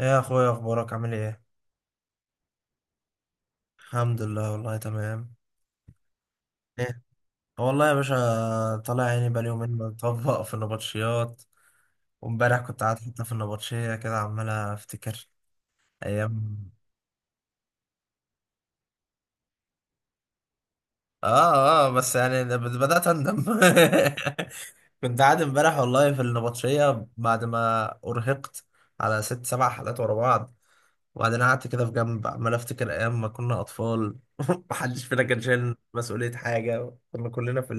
ايه يا اخويا، اخبارك، عامل ايه؟ الحمد لله والله تمام. ايه والله يا باشا، طالع عيني بقالي يومين مطبق في النبطشيات. وامبارح كنت قاعد حتى في النبطشية كده، عمال افتكر ايام. اه، اه، بس يعني بدأت اندم. كنت قاعد امبارح والله في النبطشية، بعد ما ارهقت على ست سبع حلقات ورا بعض. وبعدين قعدت كده في جنب، عمال افتكر ايام ما كنا اطفال. محدش فينا كان شايل مسؤولية حاجة، كنا كلنا في.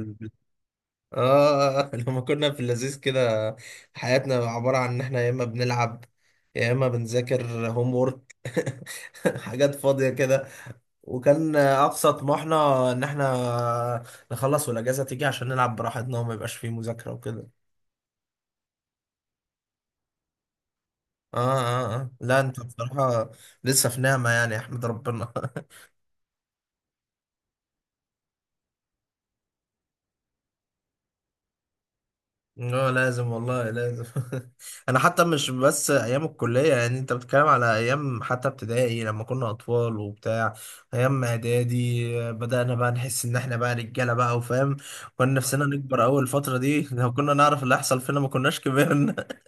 اه. لما كنا في اللذيذ كده، حياتنا عبارة عن ان احنا يا اما بنلعب، يا اما بنذاكر، هوم وورك. حاجات فاضية كده. وكان اقصى طموحنا ان احنا نخلص والاجازة تيجي عشان نلعب براحتنا وما يبقاش فيه مذاكرة وكده. اه، اه، اه، لا، انت بصراحة لسه في نعمة يعني يا احمد، ربنا. اه، لازم والله لازم. انا حتى مش بس ايام الكليه، يعني انت بتتكلم على ايام حتى ابتدائي لما كنا اطفال وبتاع. ايام اعدادي بدانا بقى نحس ان احنا بقى رجاله بقى وفاهم. كنا نفسنا نكبر اول الفتره دي. لو كنا نعرف اللي هيحصل فينا ما كناش كبرنا.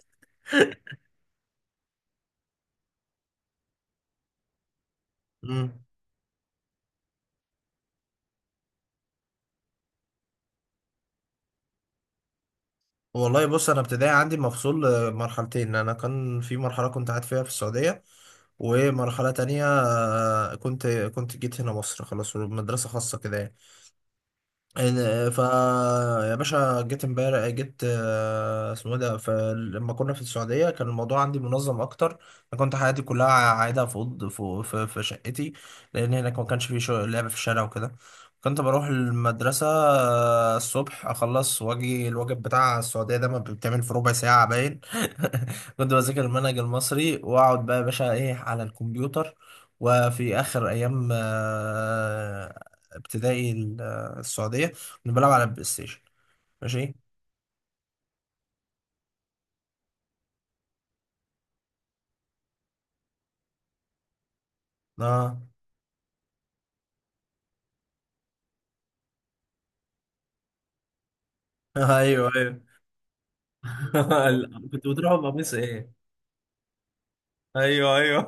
مم. والله بص، انا ابتدائي عندي مفصول مرحلتين. انا كان في مرحله كنت قاعد فيها في السعوديه، ومرحله تانية كنت جيت هنا مصر، خلاص مدرسه خاصه كده يعني. إن- فا يا باشا، جيت امبارح، جيت اسمه إيه ده؟ فلما كنا في السعودية، كان الموضوع عندي منظم أكتر. أنا كنت حياتي كلها قاعدة في أوض، في شقتي، لأن هناك ما كانش في لعب في الشارع وكده. كنت بروح المدرسة الصبح، أخلص وأجي الواجب بتاع السعودية ده ما بيتعمل في ربع ساعة باين. كنت بذاكر المنهج المصري وأقعد بقى يا باشا إيه على الكمبيوتر. وفي آخر أيام ابتدائي السعوديه، كنا بنلعب على البلاي ستيشن. ماشي. اه. ايوه، ايوه. كنت بتروحوا بقميص ايه؟ ايوه، ايوه.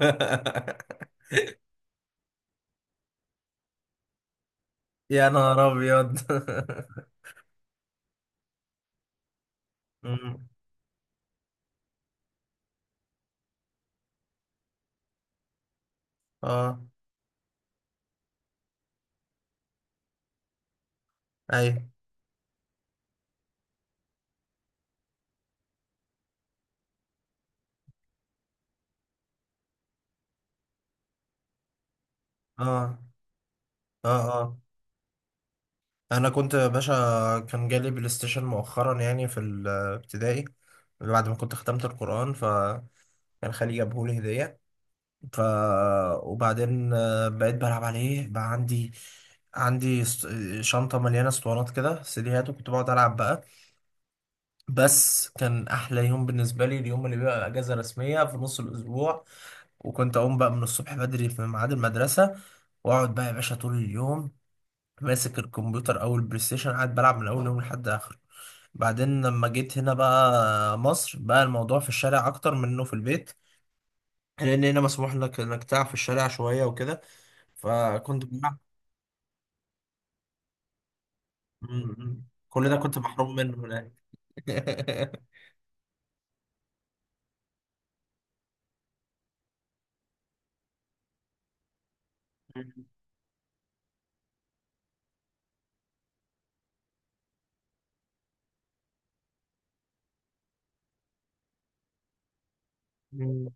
يا نهار ابيض! أمم. اه، ايوه، اه، اه، اه، انا كنت يا باشا، كان جالي بلاي ستيشن مؤخرا يعني في الابتدائي، بعد ما كنت ختمت القرآن. فكان خالي جابهولي هدية. ف وبعدين بقيت بلعب عليه بقى. عندي شنطة مليانة اسطوانات كده، سيديهات، وكنت بقعد ألعب بقى. بس كان أحلى يوم بالنسبة لي اليوم اللي بيبقى أجازة رسمية في نص الأسبوع، وكنت أقوم بقى من الصبح بدري في ميعاد المدرسة، وأقعد بقى يا باشا طول اليوم ماسك الكمبيوتر أو البلاي ستيشن، قاعد بلعب من أول يوم لحد آخره. بعدين لما جيت هنا بقى مصر، بقى الموضوع في الشارع أكتر من إنه في البيت، لان هنا مسموح لك انك تلعب في الشارع شويه وكده، فكنت بلعب. م- م. كل ده كنت محروم منه هناك. م-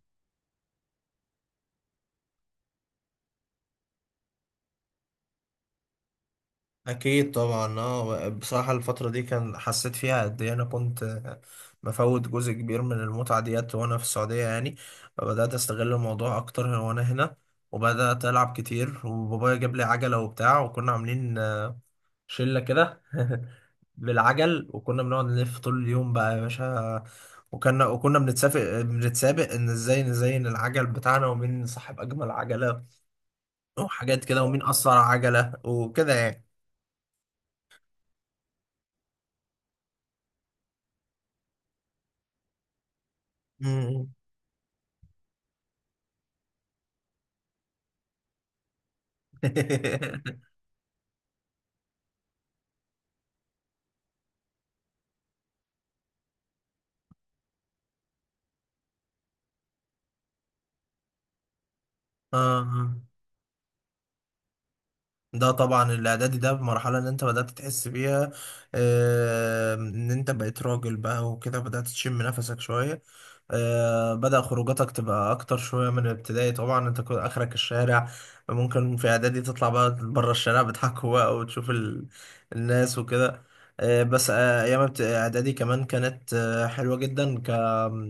اكيد طبعا، اه بصراحه الفتره دي كان حسيت فيها قد ايه انا كنت مفوت جزء كبير من المتعه ديت وانا في السعوديه يعني. بدات استغل الموضوع اكتر وانا هنا، وبدات العب كتير، وبابايا جاب لي عجله وبتاع، وكنا عاملين شله كده. بالعجل، وكنا بنقعد نلف طول اليوم بقى يا باشا، وكنا بنتسابق ان ازاي نزين العجل بتاعنا، ومين صاحب اجمل عجله، وحاجات كده، ومين اسرع عجله وكده يعني. مم. اه، ده طبعا الاعدادي ده المرحله اللي انت بدات تحس بيها ان انت بقيت راجل بقى وكده، بدات تشم نفسك شويه. بدأ خروجاتك تبقى أكتر شوية من الابتدائي، طبعا أنت كنت آخرك الشارع، ممكن في إعدادي تطلع بقى بره الشارع، بتحكوا بقى وتشوف الناس وكده. بس أيام إعدادي كمان كانت حلوة جدا،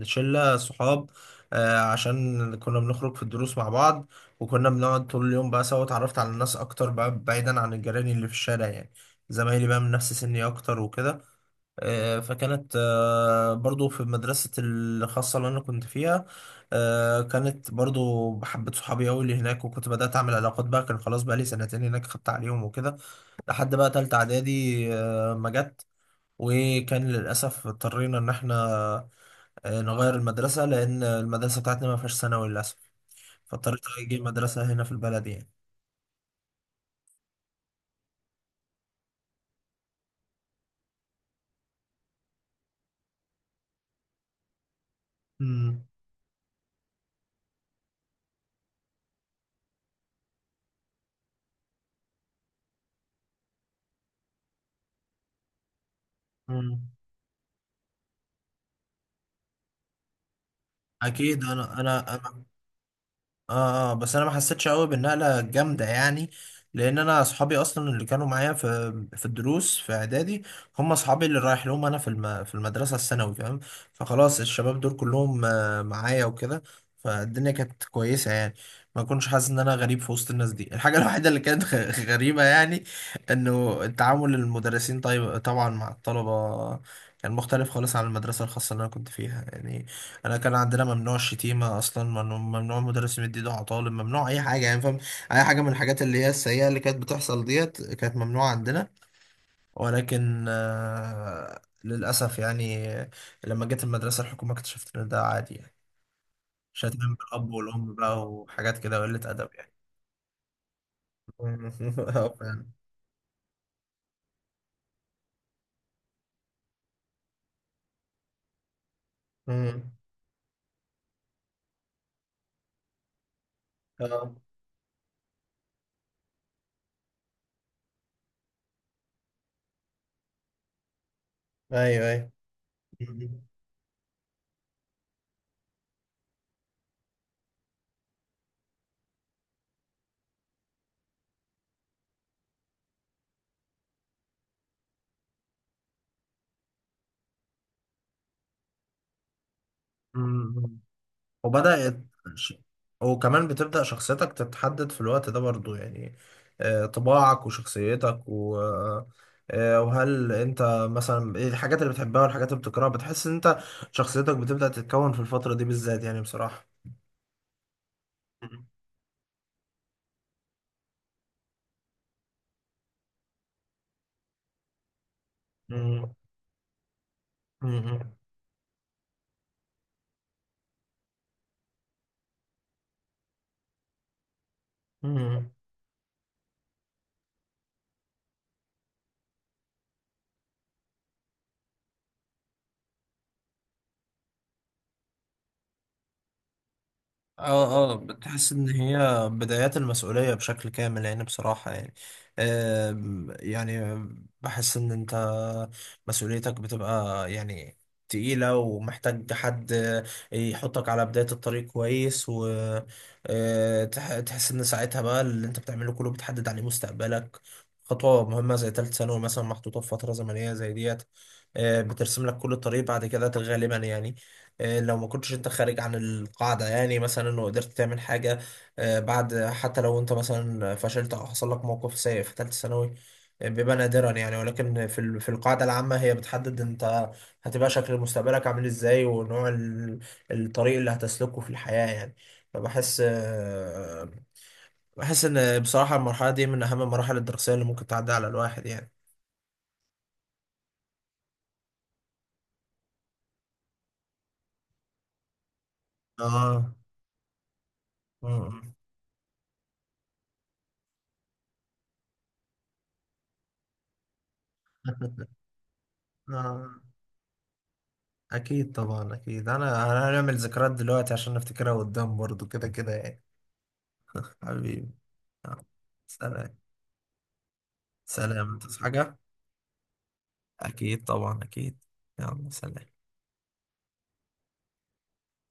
كشلة صحاب، عشان كنا بنخرج في الدروس مع بعض، وكنا بنقعد طول اليوم بقى سوا، اتعرفت على الناس اكتر بقى بعيدا عن الجيران اللي في الشارع يعني، زمايلي بقى من نفس سني اكتر وكده. فكانت برضو في مدرسة الخاصة اللي انا كنت فيها، كانت برضو بحبت صحابي قوي اللي هناك، وكنت بدأت اعمل علاقات بقى، كان خلاص بقى لي سنتين هناك خدت عليهم وكده، لحد بقى تالتة اعدادي ما جت. وكان للأسف اضطرينا إن إحنا نغير المدرسة، لأن المدرسة بتاعتنا ما فيهاش ثانوي للأسف، فاضطريت أجي مدرسة هنا في البلد يعني. امم، امم. اكيد. انا انا انا اه، اه، بس انا ما حسيتش قوي بالنقله الجامده يعني، لان انا اصحابي اصلا اللي كانوا معايا في الدروس في اعدادي، هم اصحابي اللي رايح لهم انا في المدرسه الثانوي، فاهم؟ فخلاص الشباب دول كلهم معايا وكده، فالدنيا كانت كويسه يعني. ما كنتش حاسس ان انا غريب في وسط الناس دي. الحاجه الوحيده اللي كانت غريبه يعني، انه التعامل المدرسين، طيب طبعا، مع الطلبه كان مختلف خالص عن المدرسه الخاصه اللي انا كنت فيها يعني. انا كان عندنا ممنوع الشتيمه اصلا، ممنوع، ممنوع المدرس يمد ايده على طالب، ممنوع اي حاجه يعني، فاهم؟ اي حاجه من الحاجات اللي هي السيئه اللي كانت بتحصل ديت كانت ممنوعه عندنا. ولكن للاسف يعني لما جيت المدرسه الحكومه، اكتشفت ان ده عادي يعني، شتيمه بالاب والام بقى وحاجات كده، قله ادب يعني. اه، فعلا. مم. آه. ايوه، ايوه. مم. وبدأت ش- وكمان بتبدأ شخصيتك تتحدد في الوقت ده برضو يعني. طباعك وشخصيتك، و وهل انت مثلا ايه الحاجات اللي بتحبها والحاجات اللي بتكرهها، بتحس ان انت شخصيتك بتبدأ تتكون في الفترة دي بالذات يعني بصراحة. مم. مم. مم. اه، اه، بتحس ان هي بدايات المسؤولية بشكل كامل يعني بصراحة يعني. يعني بحس ان انت مسؤوليتك بتبقى يعني تقيلة، ومحتاج حد يحطك على بداية الطريق كويس، وتحس ان ساعتها بقى اللي انت بتعمله كله بتحدد عليه مستقبلك. خطوة مهمة زي تالت ثانوي مثلا محطوطة في فترة زمنية زي ديت، بترسم لك كل الطريق بعد كده غالبا يعني، لو ما كنتش انت خارج عن القاعدة يعني، مثلا وقدرت تعمل حاجة بعد. حتى لو انت مثلا فشلت او حصل لك موقف سيء في ثالثة ثانوي، بيبقى نادرا يعني، ولكن في القاعدة العامة، هي بتحدد انت هتبقى شكل مستقبلك عامل ازاي، ونوع الطريق اللي هتسلكه في الحياة يعني. فبحس آه، بحس ان بصراحة المرحلة دي من اهم المراحل الدراسية اللي ممكن تعدي على الواحد يعني. اه. آه. آه. اكيد طبعا، اكيد، أنا هنعمل ذكريات دلوقتي عشان نفتكرها قدام برضو، كده كده يعني. حبيبي. سلام. سلام، تصحى حاجة. اكيد طبعا اكيد. يلا، سلام.